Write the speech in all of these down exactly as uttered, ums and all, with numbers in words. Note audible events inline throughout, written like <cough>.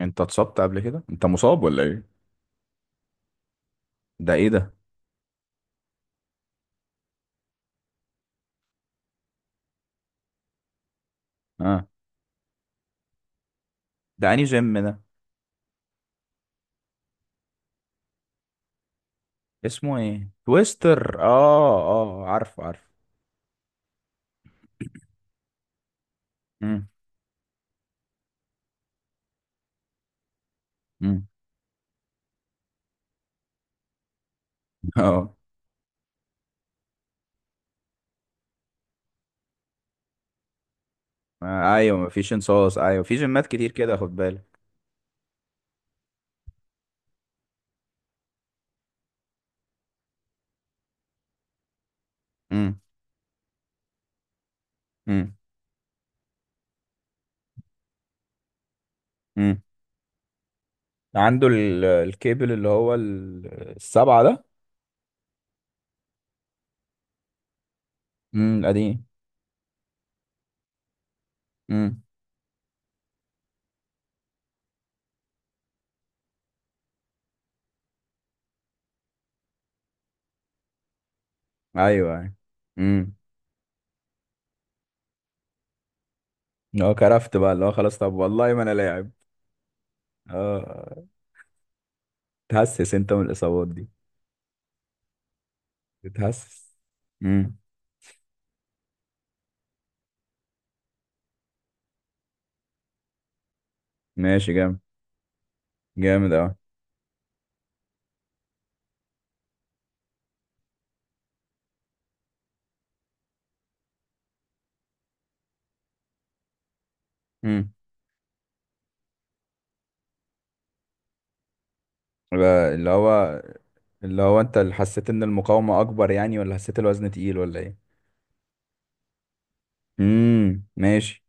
انت اتصبت قبل كده، انت مصاب ولا ايه؟ ده ايه ده؟ اه. ده انهي جيم ده؟ اسمه ايه؟ تويستر، اه، اه، عارفه، عارفه. امم. امم. <laughs> اه. آه، ايوه، مفيش انصاص، ايوه، في جيمات كتير كده، خد بالك. امم. امم. امم. عنده ال- الكيبل اللي هو ال- السبعة ده. امم. القديم. امم. ايوه، ايوه. امم. هو كرفت بقى اللي هو خلاص، طب والله ما انا لاعب. اه. تحسس انت من الاصابات دي؟ بتحسس. امم. ماشي. جامد، جامد اوي. امم. يبقى اللي هو اللي هو انت اللي حسيت ان المقاومة اكبر يعني، ولا حسيت الوزن تقيل، ولا ايه؟ امم. ماشي.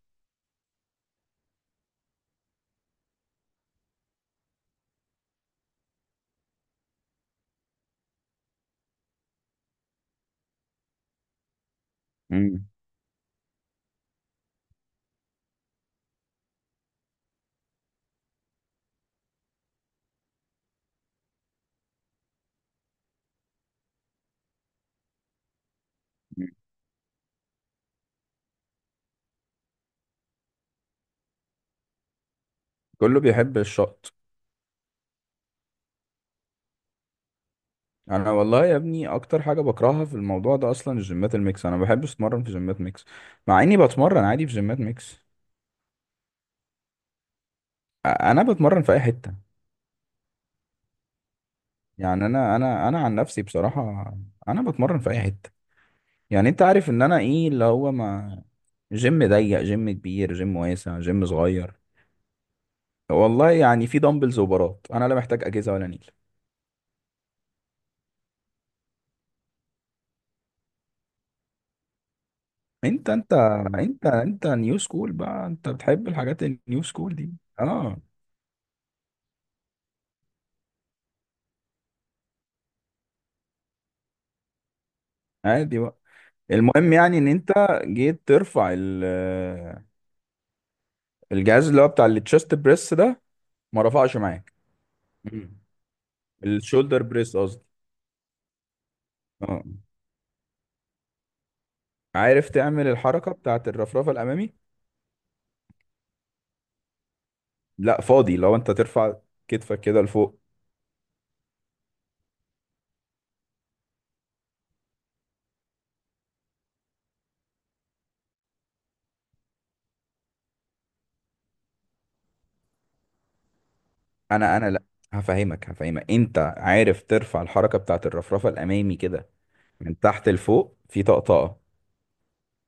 امم. كله بيحب الشط. انا والله يا ابني اكتر حاجة بكرهها في الموضوع ده اصلا الجيمات الميكس، انا ما بحبش اتمرن في جيمات ميكس، مع اني بتمرن عادي في جيمات ميكس. أ- انا بتمرن في اي حتة. يعني انا انا انا عن نفسي بصراحة، انا بتمرن في اي حتة. يعني انت عارف ان انا ايه اللي هو ما، جيم ضيق، جيم كبير، جيم واسع، جيم صغير. والله يعني في دمبلز وبارات، انا لا محتاج اجهزه ولا نيل. انت انت انت انت نيو سكول بقى، انت بتحب الحاجات النيو سكول دي. اه. عادي بقى. المهم يعني ان انت جيت ترفع ال- الجهاز اللي هو بتاع التشست بريس ده، ما رفعش معاك. مم. الشولدر بريس قصدي. اه. عارف تعمل الحركه بتاعت الرفرفه الامامي؟ لا فاضي لو انت ترفع كتفك كده لفوق. انا انا لا، هفهمك، هفهمك، انت عارف ترفع الحركه بتاعت الرفرفه الامامي كده، من تحت لفوق في طقطقة،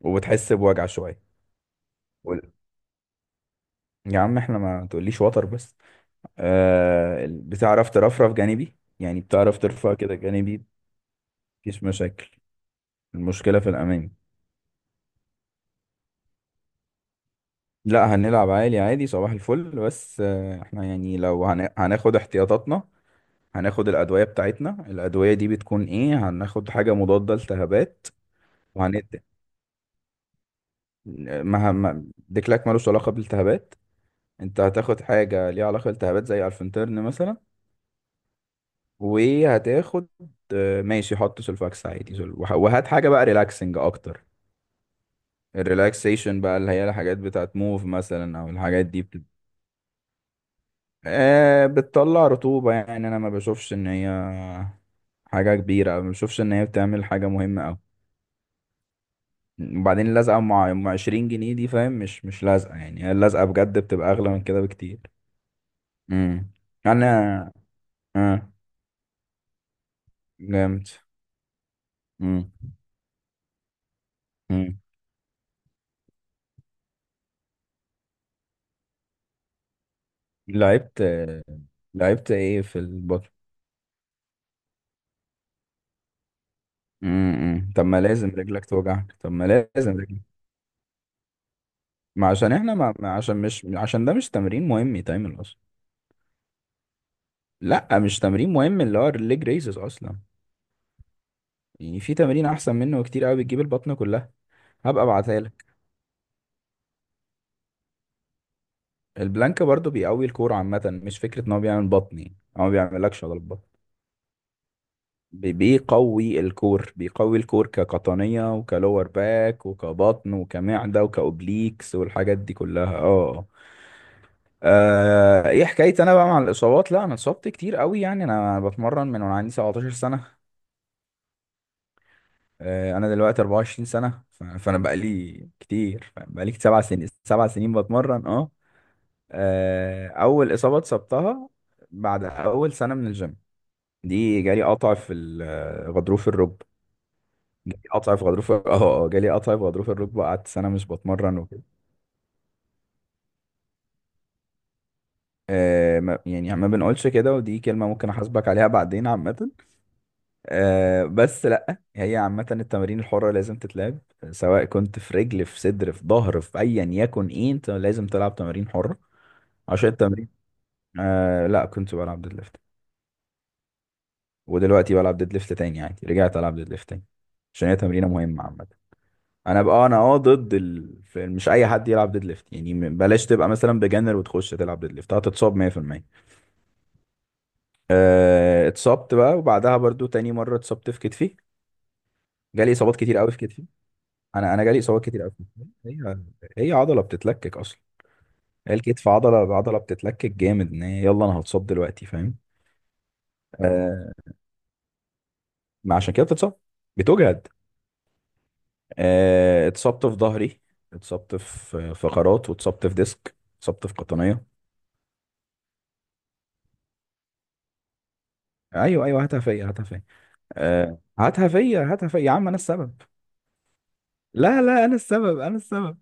وبتحس بوجع شوية. وال- يا عم احنا ما تقوليش وتر بس. آه ال- بتعرف ترفرف جانبي؟ يعني بتعرف ترفع كده جانبي؟ مفيش مشاكل، المشكلة في الأمامي. لا، هنلعب عالي عادي صباح الفل. بس آه احنا يعني لو هن... هناخد احتياطاتنا. هناخد الأدوية بتاعتنا. الأدوية دي بتكون ايه؟ هناخد حاجة مضادة لالتهابات. وهندي. ما ما- ديكلاك ملوش علاقة بالالتهابات. انت هتاخد حاجة ليها علاقة بالالتهابات زي الفنترن مثلا. وهتاخد، آه، ماشي، حط سلفاكس عادي. سل- وه- وهات حاجة بقى ريلاكسنج أكتر. الريلاكسيشن بقى اللي هي الحاجات بتاعت موف مثلا، أو الحاجات دي بت... آه، بتطلع رطوبة يعني، أنا ما بشوفش إن هي حاجة كبيرة، أو ما بشوفش إن هي بتعمل حاجة مهمة أوي. وبعدين اللزقة مع مع عشرين جنيه دي فاهم، مش مش لازقة يعني. هي اللزقة بجد بتبقى أغلى من كده بكتير. امم. أنا. آه. جامد. امم. امم. لعبت. لعبت إيه في البطل؟ امم. طب ما لازم رجلك توجعك. طب ما لازم رجلك. ما عشان احنا ما ما عشان مش عشان ده مش تمرين مهم يتعمل اصلا. لا، مش تمرين مهم اللي هو الليج ريزز اصلا. يعني في تمرين احسن منه كتير قوي، بتجيب البطن كلها. هبقى ابعتها لك. البلانك برضو بيقوي الكور عامه، مش فكره ان هو بيعمل بطن يعني، هو ما بيعملكش عضلة بطن. بي- بيقوي الكور، بيقوي الكور كقطنيه وكلور باك وكبطن وكمعده وكاوبليكس والحاجات دي كلها. اه. آه، ايه حكايتي انا بقى مع الاصابات؟ لا، انا اتصبت كتير قوي. يعني انا بتمرن من وانا عندي سبعة عشر سنه. آه، انا دلوقتي اربعة وعشرين سنه، ف- فانا بقى لي كتير، بقى لي سبع سنين، سبع سنين بتمرن. اه. آه، اول اصابه اتصبتها بعد اول سنه من الجيم، دي جالي قطع في ال- غضروف الركبه. جالي قطع في غضروف. اه. اه جالي قطع في غضروف الركبه، قعدت سنه مش بتمرن وكده. آه، ما- يعني ما بنقولش كده، ودي كلمه ممكن احاسبك عليها بعدين عامه. آه بس لا، هي عامة التمارين الحرة لازم تتلعب، سواء كنت في رجل، في صدر، في ظهر، في ايا يكن ايه، انت لازم تلعب تمارين حرة عشان التمرين. آه لا، كنت بلعب ديد ليفت، ودلوقتي بلعب ديد ليفت تاني عادي، رجعت العب ديد ليفت تاني عشان هي تمرينة مهمة عامة. انا بقى انا اه، ضد ال... في- مش اي حد يلعب ديد ليفت يعني، م- بلاش تبقى مثلا بجنر وتخش تلعب ديد ليفت، هتتصاب مية في المية. آه اتصبت بقى، وبعدها برضو تاني مرة اتصبت في كتفي. جالي اصابات كتير قوي في كتفي، انا انا جالي اصابات كتير قوي. هي هي عضله بتتلكك اصلا. هي الكتف عضله عضله بتتلكك جامد، ان هي يلا انا هتصاب دلوقتي فاهم. آه. ما عشان كده بتتصاب، بتجهد. آه. اتصبت في ظهري، اتصبت في فقرات، واتصبت في ديسك، اتصبت في قطنيه. ايوه، ايوه، هاتها فيا، هاتها فيا. آه، هاتها فيا، هاتها فيا يا عم، انا السبب. لا لا، انا السبب، انا السبب.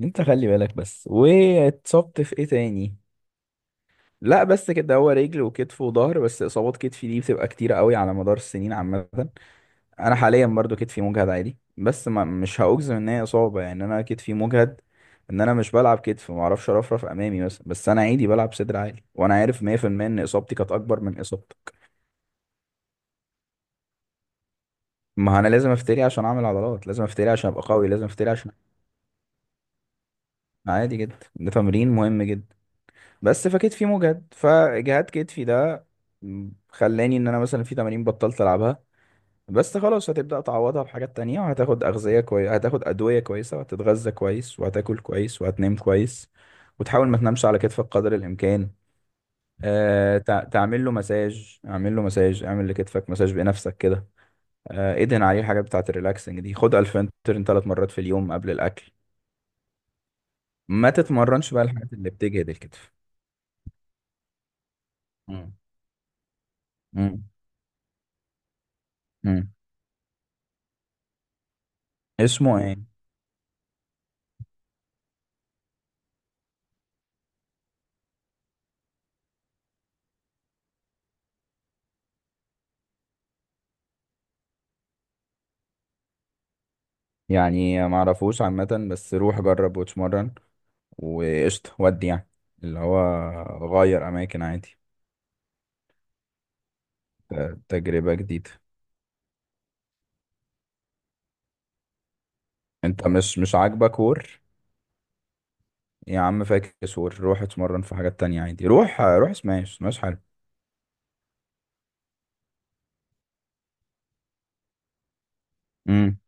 انت خلي بالك بس. واتصبت في ايه تاني؟ لا بس كده، هو رجل وكتف وظهر بس. اصابات كتفي دي بتبقى كتيره قوي على مدار السنين عامه. انا حاليا برضو كتفي مجهد عادي، بس ما مش هاجزم ان هي اصابه يعني، انا كتفي مجهد، ان انا مش بلعب كتف ما اعرفش ارفرف امامي مثلا. بس انا عادي بلعب صدر عالي، وانا عارف مية في المية ان اصابتي كانت اكبر من اصابتك. ما انا لازم افتري عشان اعمل عضلات، لازم افتري عشان ابقى قوي، لازم افتري عشان. عادي جدا، ده تمرين مهم جدا. بس فكتفي مجهد، فاجهاد كتفي ده خلاني ان انا مثلا في تمارين بطلت العبها. بس خلاص، هتبدأ تعوضها بحاجات تانية، وهتاخد أغذية كويسة، هتاخد أدوية كويسة، وهتتغذى كويس، وهتاكل كويس، وهتنام كويس، وتحاول ما تنامش على كتفك قدر الإمكان. أه، تع- تعمل له مساج، اعمل له مساج، اعمل لكتفك مساج بنفسك كده. أه، ادهن عليه الحاجات بتاعة الريلاكسنج دي، خد الفنترين ثلاث مرات في اليوم قبل الأكل. ما تتمرنش بقى الحاجات اللي بتجهد الكتف. مم. مم. مم. اسمه ايه؟ يعني ما اعرفوش عامة، بس روح جرب واتمرن، وقشطة. ودي يعني اللي هو غير أماكن عادي. ت- تجربة جديدة. أنت مش مش عاجبك وور؟ يا عم فاكس وور، روح اتمرن في حاجات تانية عادي، روح روح سماش. سماش حلو. امم.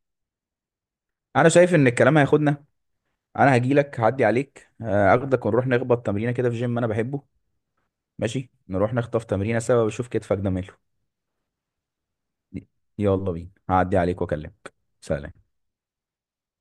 أنا شايف إن الكلام هياخدنا. أنا هجيلك، هعدي عليك، آه، أخدك ونروح نخبط تمرينة كده في جيم أنا بحبه. ماشي، نروح نخطف تمرينة سوا، وشوف كتفك ده ماله. يلا بينا، هعدي عليك وأكلمك. سلام.